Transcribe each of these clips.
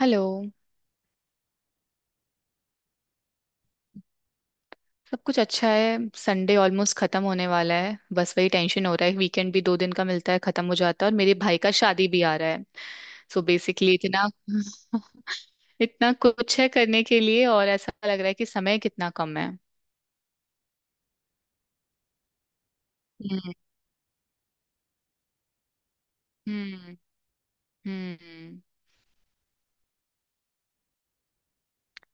Hello. सब कुछ अच्छा है। संडे ऑलमोस्ट खत्म होने वाला है, बस वही टेंशन हो रहा है। वीकेंड भी 2 दिन का मिलता है, खत्म हो जाता है। और मेरे भाई का शादी भी आ रहा है। सो बेसिकली इतना इतना कुछ है करने के लिए और ऐसा लग रहा है कि समय कितना कम है। हम्म। हम्म। हम्म।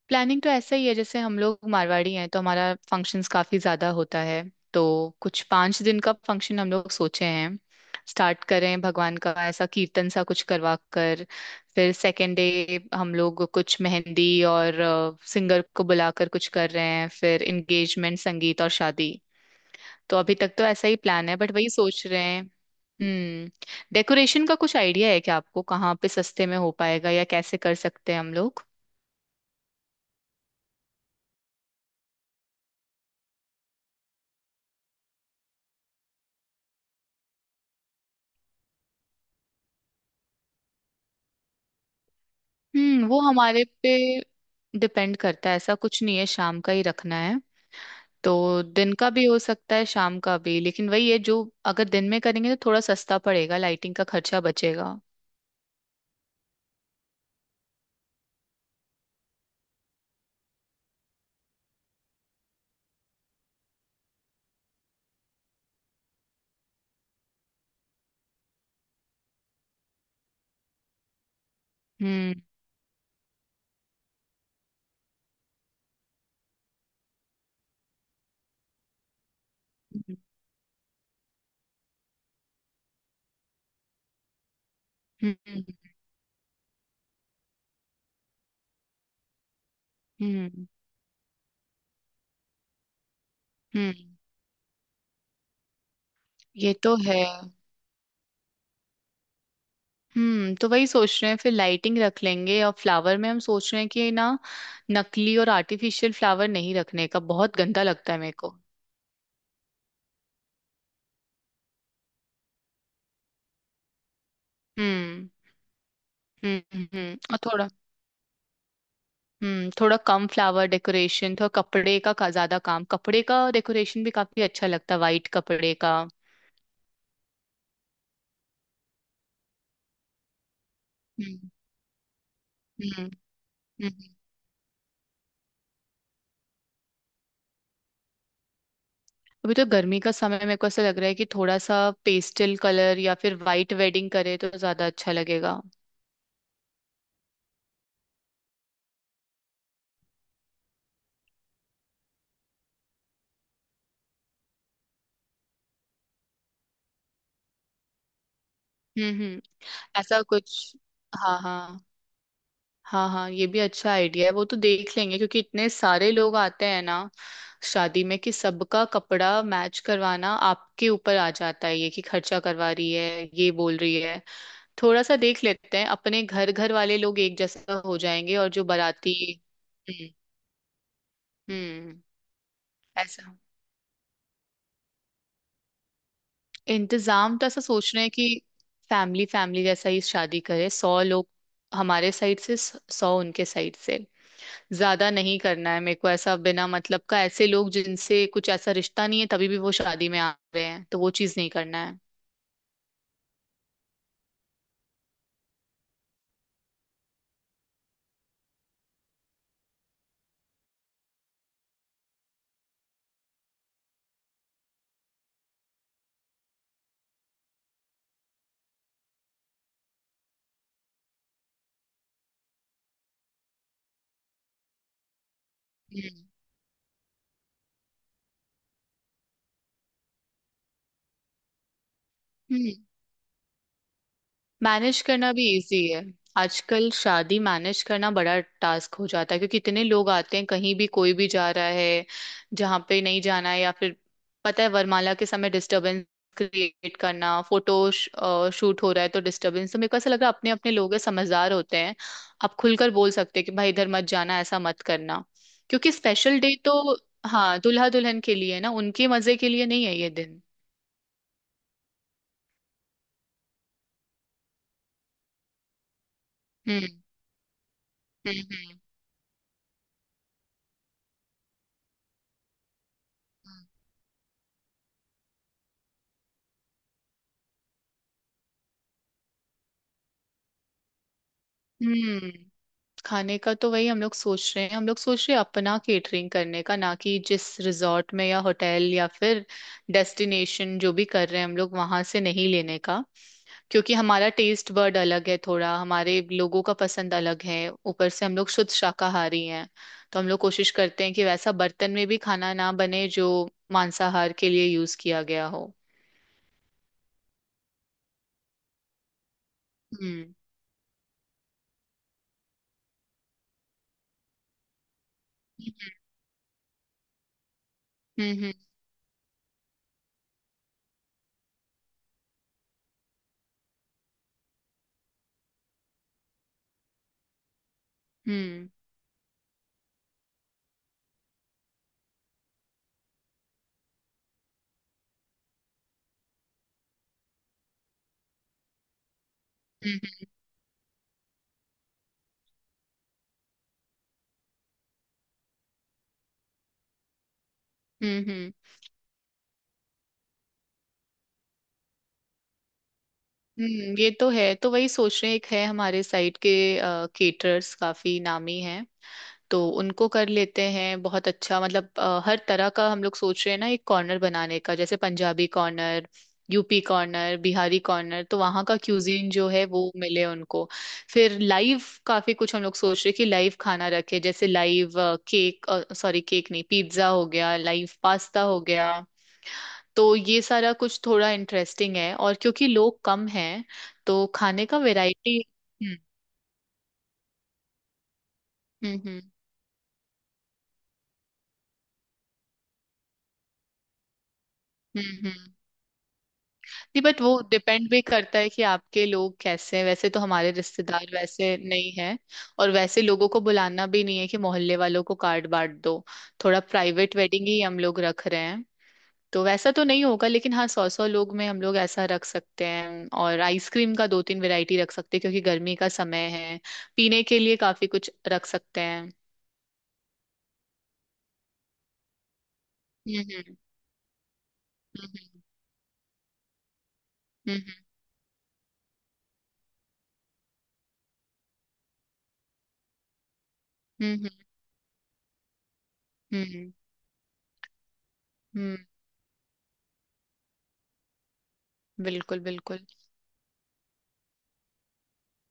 प्लानिंग तो ऐसा ही है, जैसे हम लोग मारवाड़ी हैं तो हमारा फंक्शंस काफी ज्यादा होता है। तो कुछ 5 दिन का फंक्शन हम लोग सोचे हैं। स्टार्ट करें भगवान का ऐसा कीर्तन सा कुछ करवा कर, फिर सेकेंड डे हम लोग कुछ मेहंदी और सिंगर को बुलाकर कुछ कर रहे हैं, फिर एंगेजमेंट, संगीत और शादी। तो अभी तक तो ऐसा ही प्लान है बट वही सोच रहे हैं। हम्म। डेकोरेशन का कुछ आइडिया है क्या आपको? कहाँ पे सस्ते में हो पाएगा या कैसे कर सकते हैं हम लोग? हम्म, वो हमारे पे डिपेंड करता है, ऐसा कुछ नहीं है शाम का ही रखना है। तो दिन का भी हो सकता है, शाम का भी, लेकिन वही है जो अगर दिन में करेंगे तो थोड़ा सस्ता पड़ेगा, लाइटिंग का खर्चा बचेगा। हम्म। हम्म। हम्म। हम्म। हम्म। ये तो है। हम्म, तो वही सोच रहे हैं, फिर लाइटिंग रख लेंगे। और फ्लावर में हम सोच रहे हैं कि ना, नकली और आर्टिफिशियल फ्लावर नहीं रखने का, बहुत गंदा लगता है मेरे को। हम्म। हम्म। और थोड़ा हम्म, थोड़ा कम फ्लावर डेकोरेशन, थोड़ा कपड़े का ज्यादा काम, कपड़े का डेकोरेशन भी काफी अच्छा लगता है, वाइट कपड़े का। हम्म। हम्म। हम्म। अभी तो गर्मी का समय, मेरे को ऐसा लग रहा है कि थोड़ा सा पेस्टल कलर या फिर वाइट वेडिंग करे तो ज्यादा अच्छा लगेगा। हम्म। हम्म। ऐसा कुछ। हाँ हाँ। हाँ हाँ, ये भी अच्छा आइडिया है, वो तो देख लेंगे। क्योंकि इतने सारे लोग आते हैं ना शादी में, कि सबका कपड़ा मैच करवाना आपके ऊपर आ जाता है, ये कि खर्चा करवा रही है, ये बोल रही है। थोड़ा सा देख लेते हैं, अपने घर घर वाले लोग एक जैसा हो जाएंगे, और जो बाराती। हम्म। हम्म। ऐसा। इंतजाम तो ऐसा सोच रहे हैं कि फैमिली फैमिली जैसा ही शादी करे, 100 लोग हमारे साइड से, 100 उनके साइड से। ज्यादा नहीं करना है मेरे को, ऐसा बिना मतलब का ऐसे लोग जिनसे कुछ ऐसा रिश्ता नहीं है तभी भी वो शादी में आ रहे हैं, तो वो चीज नहीं करना है। हम्म। मैनेज करना भी इजी है। आजकल शादी मैनेज करना बड़ा टास्क हो जाता है क्योंकि इतने लोग आते हैं, कहीं भी कोई भी जा रहा है, जहाँ पे नहीं जाना है, या फिर पता है वरमाला के समय डिस्टरबेंस क्रिएट करना, फोटो शूट हो रहा है तो डिस्टरबेंस। तो मेरे को ऐसा लग रहा है अपने अपने लोग हैं, समझदार होते हैं, आप खुलकर बोल सकते हैं कि भाई इधर मत जाना, ऐसा मत करना। क्योंकि स्पेशल डे तो हाँ दुल्हा दुल्हन के लिए है ना, उनके मजे के लिए नहीं है ये दिन। हम्म। हम्म। हम्म। हम्म। खाने का तो वही हम लोग सोच रहे हैं, हम लोग सोच रहे हैं अपना केटरिंग करने का ना, कि जिस रिजॉर्ट में या होटल या फिर डेस्टिनेशन जो भी कर रहे हैं हम लोग, वहां से नहीं लेने का। क्योंकि हमारा टेस्ट बर्ड अलग है थोड़ा, हमारे लोगों का पसंद अलग है। ऊपर से हम लोग शुद्ध शाकाहारी हैं, तो हम लोग कोशिश करते हैं कि वैसा बर्तन में भी खाना ना बने जो मांसाहार के लिए यूज किया गया हो। हम्म। हम्म। हम्म। हम्म। हम्म। हम्म। हम्म। हम्म। हम्म। ये तो है, तो वही सोच रहे हैं। एक है हमारे साइड के केटरर्स काफी नामी हैं, तो उनको कर लेते हैं, बहुत अच्छा। मतलब हर तरह का हम लोग सोच रहे हैं ना, एक कॉर्नर बनाने का, जैसे Punjabi corner, UP corner, Bihari corner, तो वहाँ का क्यूजीन जो है वो मिले उनको। फिर लाइव, काफी कुछ हम लोग सोच रहे हैं कि लाइव खाना रखे, जैसे लाइव केक, सॉरी केक नहीं, पिज्जा हो गया, लाइव पास्ता हो गया। तो ये सारा कुछ थोड़ा इंटरेस्टिंग है, और क्योंकि लोग कम हैं तो खाने का वैरायटी। हम्म। हम्म। हम्म। हम्म। हम्म। नहीं बट वो डिपेंड भी करता है कि आपके लोग कैसे हैं, वैसे तो हमारे रिश्तेदार वैसे नहीं हैं। और वैसे लोगों को बुलाना भी नहीं है कि मोहल्ले वालों को कार्ड बांट दो, थोड़ा प्राइवेट वेडिंग ही हम लोग रख रहे हैं। तो वैसा तो नहीं होगा, लेकिन हाँ, सौ सौ लोग में हम लोग ऐसा रख सकते हैं, और आइसक्रीम का दो तीन वैरायटी रख सकते हैं क्योंकि गर्मी का समय है। पीने के लिए काफी कुछ रख सकते हैं। हम्म। हम्म। हम्म। हम्म। हम्म। हम्म। हम्म। हम्म। बिल्कुल बिल्कुल।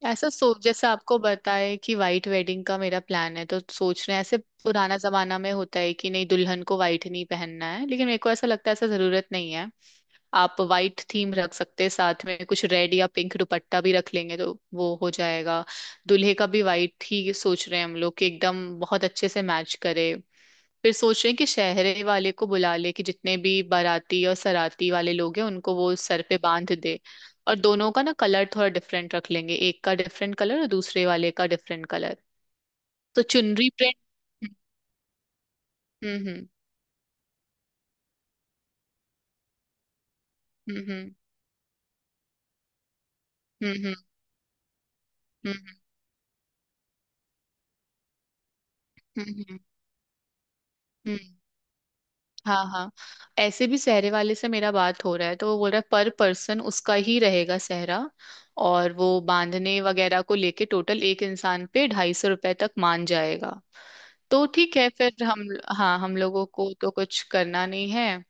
ऐसा सोच, जैसे आपको बताए कि वाइट वेडिंग का मेरा प्लान है, तो सोच रहे हैं ऐसे। पुराना जमाना में होता है कि नहीं दुल्हन को वाइट नहीं पहनना है, लेकिन मेरे को ऐसा लगता है ऐसा जरूरत नहीं है। आप वाइट थीम रख सकते हैं, साथ में कुछ रेड या पिंक दुपट्टा भी रख लेंगे तो वो हो जाएगा। दूल्हे का भी वाइट ही सोच रहे हैं हम लोग, कि एकदम बहुत अच्छे से मैच करे। फिर सोच रहे हैं कि शहरे वाले को बुला ले, कि जितने भी बाराती और सराती वाले लोग हैं उनको वो सर पे बांध दे। और दोनों का ना कलर थोड़ा डिफरेंट रख लेंगे, एक का डिफरेंट कलर और दूसरे वाले का डिफरेंट कलर। तो चुनरी प्रिंट। हम्म। हम्म। हम्म। हम्म। हम्म। हम्म। हम्म। हम्म। हम्म। हम्म। हम्म। हम्म। हाँ हाँ। ऐसे भी सहरे वाले से मेरा बात हो रहा है, तो वो बोल रहा है पर पर्सन उसका ही रहेगा सहरा, और वो बांधने वगैरह को लेके टोटल एक इंसान पे ₹250 तक मान जाएगा। तो ठीक है फिर हम, हाँ हम लोगों को तो कुछ करना नहीं है।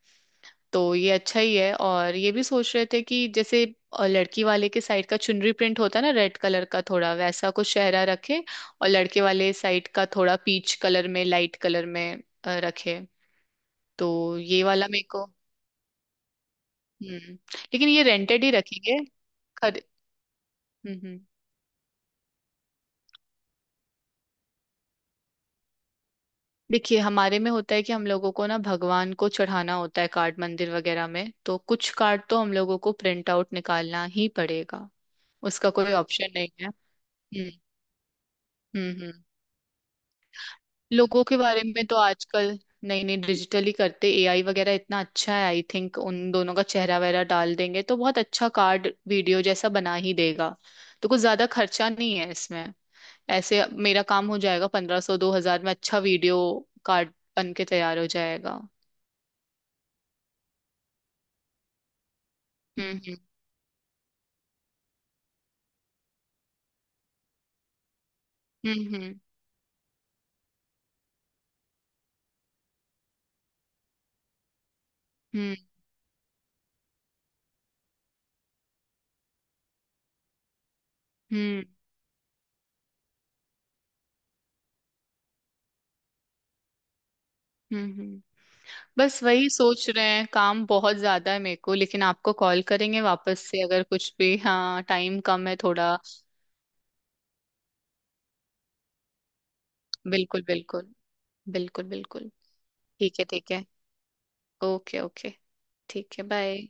तो ये अच्छा ही है। और ये भी सोच रहे थे कि जैसे लड़की वाले के साइड का चुनरी प्रिंट होता है ना रेड कलर का, थोड़ा वैसा कुछ शहरा रखे, और लड़के वाले साइड का थोड़ा पीच कलर में, लाइट कलर में रखे। तो ये वाला मेरे को हम्म। लेकिन ये रेंटेड ही रखेंगे। खर हम्म। हम्म। देखिए हमारे में होता है कि हम लोगों को ना भगवान को चढ़ाना होता है कार्ड मंदिर वगैरह में, तो कुछ कार्ड तो हम लोगों को प्रिंट आउट निकालना ही पड़ेगा, उसका कोई ऑप्शन नहीं है। हम्म। हम्म। हम्म। लोगों के बारे में तो आजकल, नहीं नहीं, डिजिटली करते। एआई वगैरह इतना अच्छा है, आई थिंक उन दोनों का चेहरा वगैरह डाल देंगे तो बहुत अच्छा कार्ड वीडियो जैसा बना ही देगा। तो कुछ ज्यादा खर्चा नहीं है इसमें। ऐसे मेरा काम हो जाएगा 1500 2,000 में, अच्छा वीडियो कार्ड बन के तैयार हो जाएगा। हम्म। हम्म। हम्म। हम्म। हम्म। हम्म। हम्म। हम्म। बस वही सोच रहे हैं, काम बहुत ज्यादा है मेरे को, लेकिन आपको कॉल करेंगे वापस से अगर कुछ भी। हाँ टाइम कम है थोड़ा। बिल्कुल बिल्कुल। बिल्कुल बिल्कुल। ठीक है ठीक है। Okay okay. ठीक है, बाय।